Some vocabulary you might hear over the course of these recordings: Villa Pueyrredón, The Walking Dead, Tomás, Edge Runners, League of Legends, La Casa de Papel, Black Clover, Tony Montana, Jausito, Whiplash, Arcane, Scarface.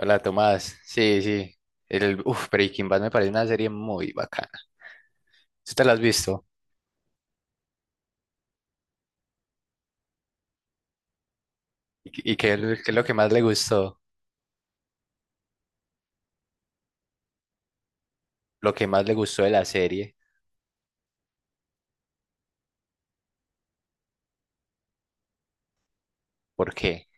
Hola Tomás, sí, sí. El, Breaking Bad me parece una serie muy bacana. ¿Sí te la has visto? ¿Y es lo qué es lo que más le gustó? Lo que más le gustó de la serie, porque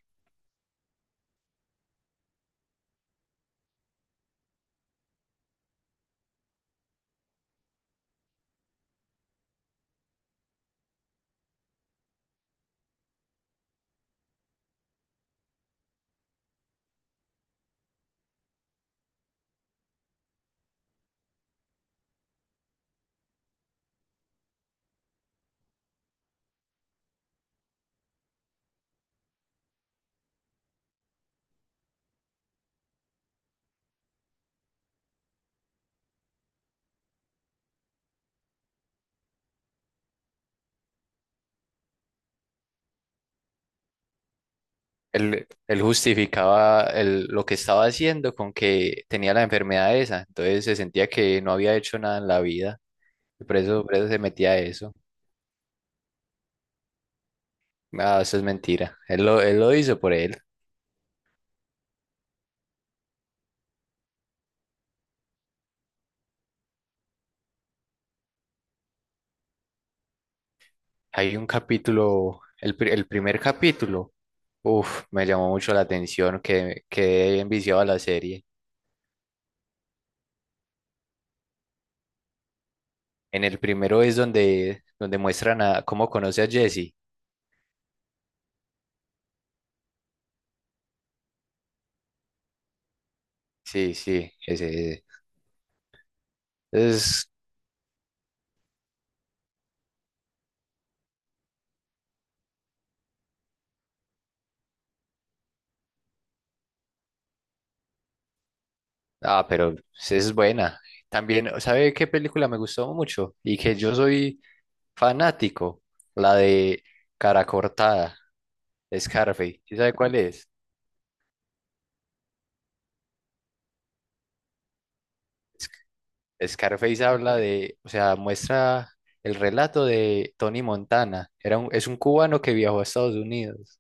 él justificaba lo que estaba haciendo con que tenía la enfermedad esa, entonces se sentía que no había hecho nada en la vida, y por eso se metía a eso. Ah, eso es mentira. Él lo hizo por él. Hay un capítulo, el primer capítulo, me llamó mucho la atención, que quedé enviciado a la serie. En el primero es donde muestran a cómo conoce a Jesse. Sí, sí, ese, ese. Es, ah, pero esa es buena. También, ¿sabe qué película me gustó mucho? Y que yo soy fanático, la de Cara Cortada, Scarface. ¿Sí sabe cuál es? Scarface habla de, o sea, muestra el relato de Tony Montana. Es un cubano que viajó a Estados Unidos.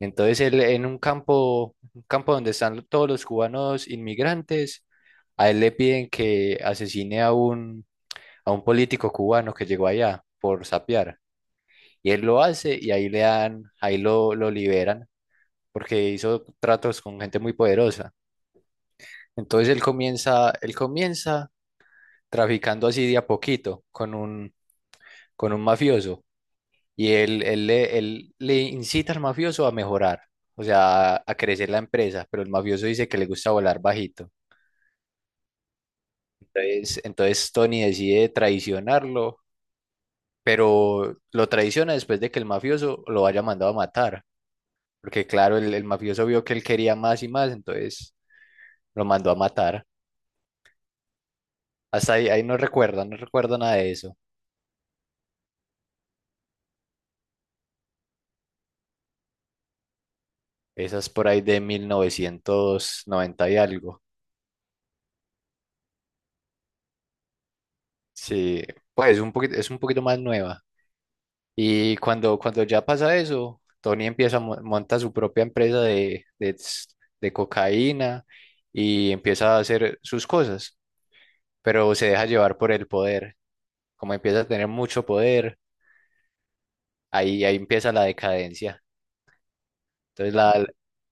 Entonces él en un campo donde están todos los cubanos inmigrantes, a él le piden que asesine a un político cubano que llegó allá por sapear. Y él lo hace y ahí le dan, ahí lo liberan porque hizo tratos con gente muy poderosa. Entonces él comienza traficando así de a poquito con un mafioso y él le incita al mafioso a mejorar, o sea, a crecer la empresa, pero el mafioso dice que le gusta volar bajito. Entonces Tony decide traicionarlo, pero lo traiciona después de que el mafioso lo haya mandado a matar, porque claro, el mafioso vio que él quería más y más, entonces lo mandó a matar. Hasta ahí no recuerda, no recuerda nada de eso. Esa es por ahí de 1990 y algo. Sí, pues un poquito, es un poquito más nueva. Y cuando ya pasa eso, Tony empieza a monta su propia empresa de cocaína y empieza a hacer sus cosas, pero se deja llevar por el poder. Como empieza a tener mucho poder, ahí empieza la decadencia. Entonces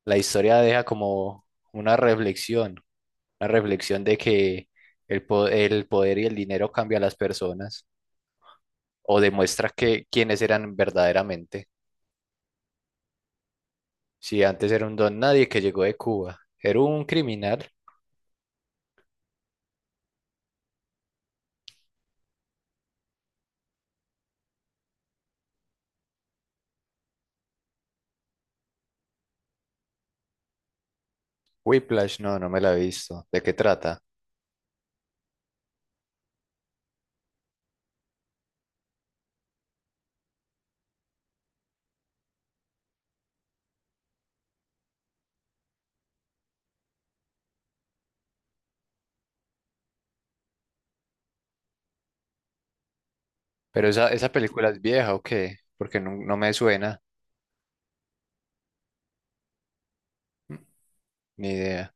la historia deja como una reflexión, una reflexión de que el poder y el dinero cambia a las personas o demuestra que quiénes eran verdaderamente. Sí, antes era un don nadie que llegó de Cuba. Era un criminal. Whiplash, no, no me la he visto. ¿De qué trata? Pero esa, ¿esa película es vieja o qué? Porque no, no me suena, ni idea.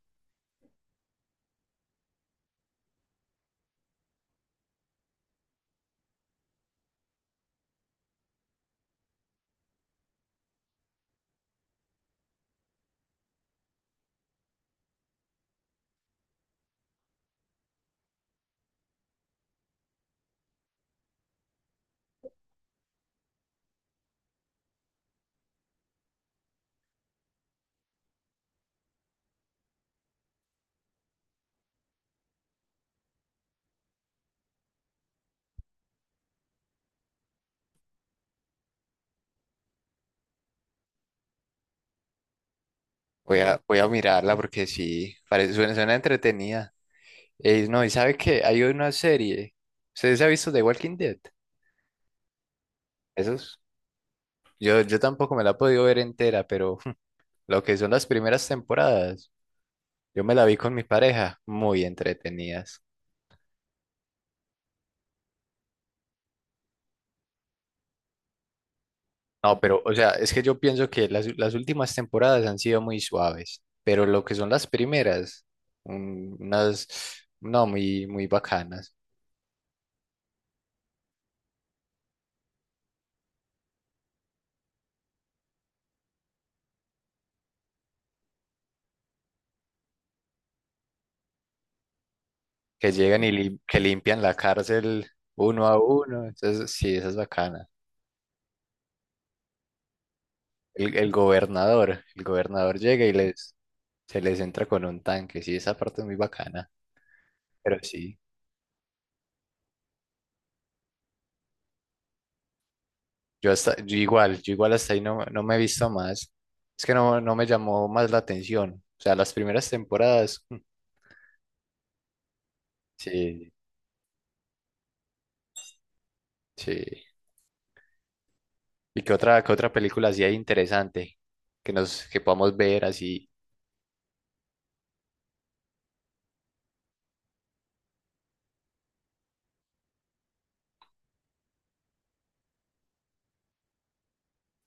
Voy a mirarla porque sí, parece, suena, suena entretenida. No, y sabe que hay una serie. ¿Ustedes ha visto The Walking Dead? Esos. Yo tampoco me la he podido ver entera, pero lo que son las primeras temporadas, yo me la vi con mi pareja, muy entretenidas. No, pero, o sea, es que yo pienso que las últimas temporadas han sido muy suaves, pero lo que son las primeras, unas, no, muy, muy bacanas, que llegan y que limpian la cárcel uno a uno, entonces sí, esa es bacana. El gobernador, el gobernador llega y les, se les entra con un tanque, sí, esa parte es muy bacana, pero sí, yo hasta, yo igual hasta ahí no, no me he visto más, es que no, no me llamó más la atención, o sea, las primeras temporadas, sí. Sí. ¿Y qué otra película así hay interesante que nos que podamos ver así?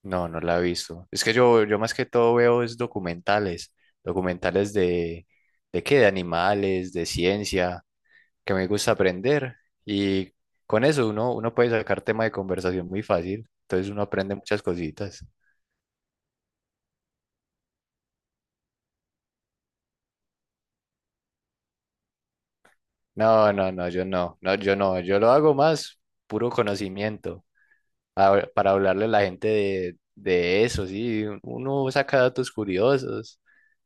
No, no la he visto. Es que yo más que todo veo es documentales, documentales de qué, de animales, de ciencia, que me gusta aprender. Y con eso uno puede sacar tema de conversación muy fácil. Entonces uno aprende muchas cositas. No, no, no, yo no, no, yo no, yo lo hago más puro conocimiento. Para hablarle a la gente de eso, sí. Uno saca datos curiosos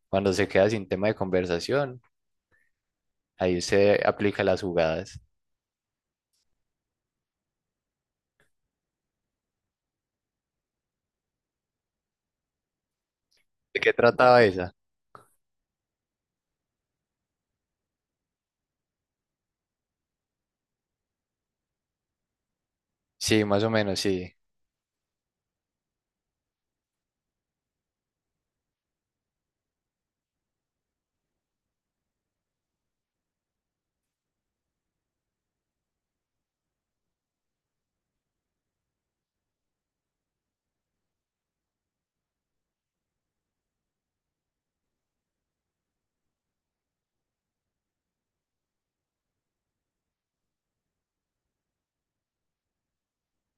cuando se queda sin tema de conversación. Ahí se aplica las jugadas. ¿De qué trataba esa? Sí, más o menos, sí.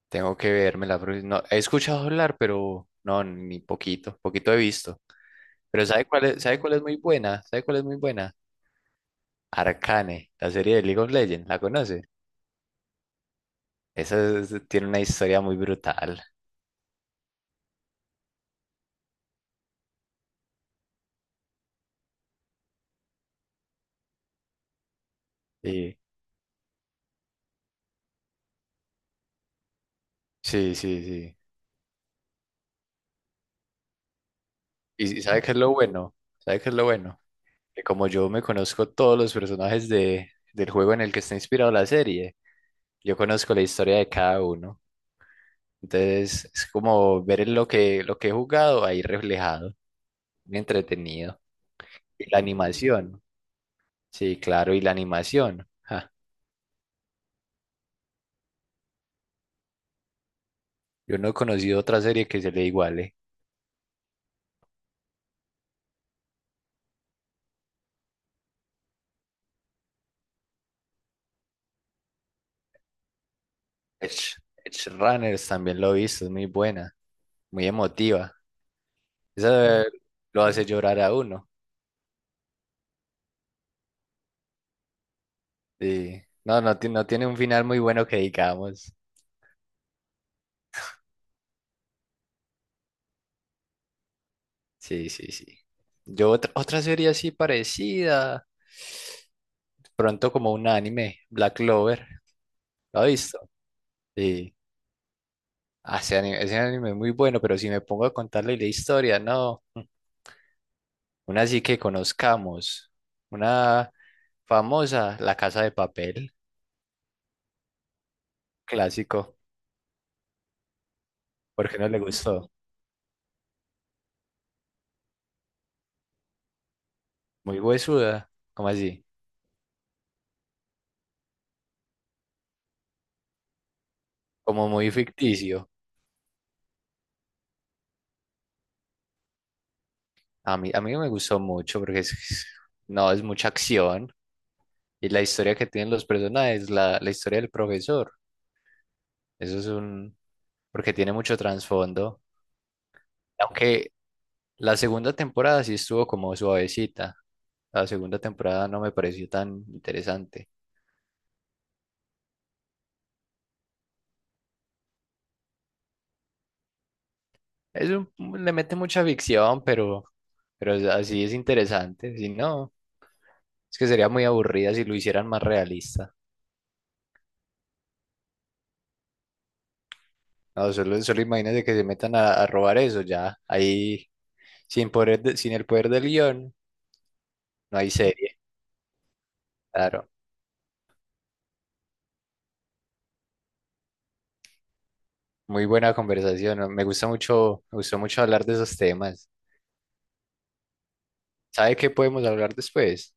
Tengo que verme la próxima. No, he escuchado hablar, pero no, ni poquito, poquito he visto. Pero sabe cuál es muy buena? ¿Sabe cuál es muy buena? Arcane, la serie de League of Legends, ¿la conoce? Esa es- tiene una historia muy brutal. Sí, sí, sí, sí. Y sabe qué es lo bueno? ¿Sabe qué es lo bueno? Que como yo me conozco todos los personajes del juego en el que está inspirado la serie, yo conozco la historia de cada uno. Entonces es como ver lo que he jugado ahí reflejado, muy entretenido. Y la animación, sí, claro, y la animación. Ja, yo no he conocido otra serie que se le iguale. Edge, Edge Runners también lo he visto, es muy buena, muy emotiva. Esa lo hace llorar a uno. Sí. No, no, no tiene un final muy bueno que digamos. Sí, sí, sí. Yo otra, otra serie así parecida, pronto como un anime, Black Clover, ¿lo has visto? Sí. Ah, ese anime es muy bueno, pero si me pongo a contarle la historia, no, una así que conozcamos, una famosa, La Casa de Papel, clásico. ¿Por qué no le gustó? Muy huesuda, como así? Como muy ficticio. A mí no me gustó mucho porque no, es mucha acción y la historia que tienen los personajes, la historia del profesor. Eso es un... porque tiene mucho trasfondo. Aunque la segunda temporada sí estuvo como suavecita. La segunda temporada no me pareció tan interesante. Le mete mucha ficción, pero, así es interesante. Si no, es que sería muy aburrida si lo hicieran más realista. No, solo, solo imagínate que se metan a robar eso ya. Ahí, sin el poder del guión, no hay serie. Claro. Muy buena conversación, ¿no? Me gusta mucho, me gustó mucho hablar de esos temas. ¿Sabe qué podemos hablar después?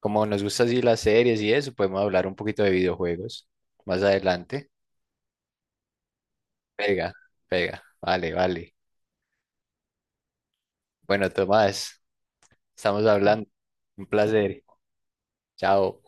Como nos gusta así las series y eso, podemos hablar un poquito de videojuegos más adelante. Pega, pega. Vale, vale. Bueno, Tomás, estamos hablando. Un placer. Chao.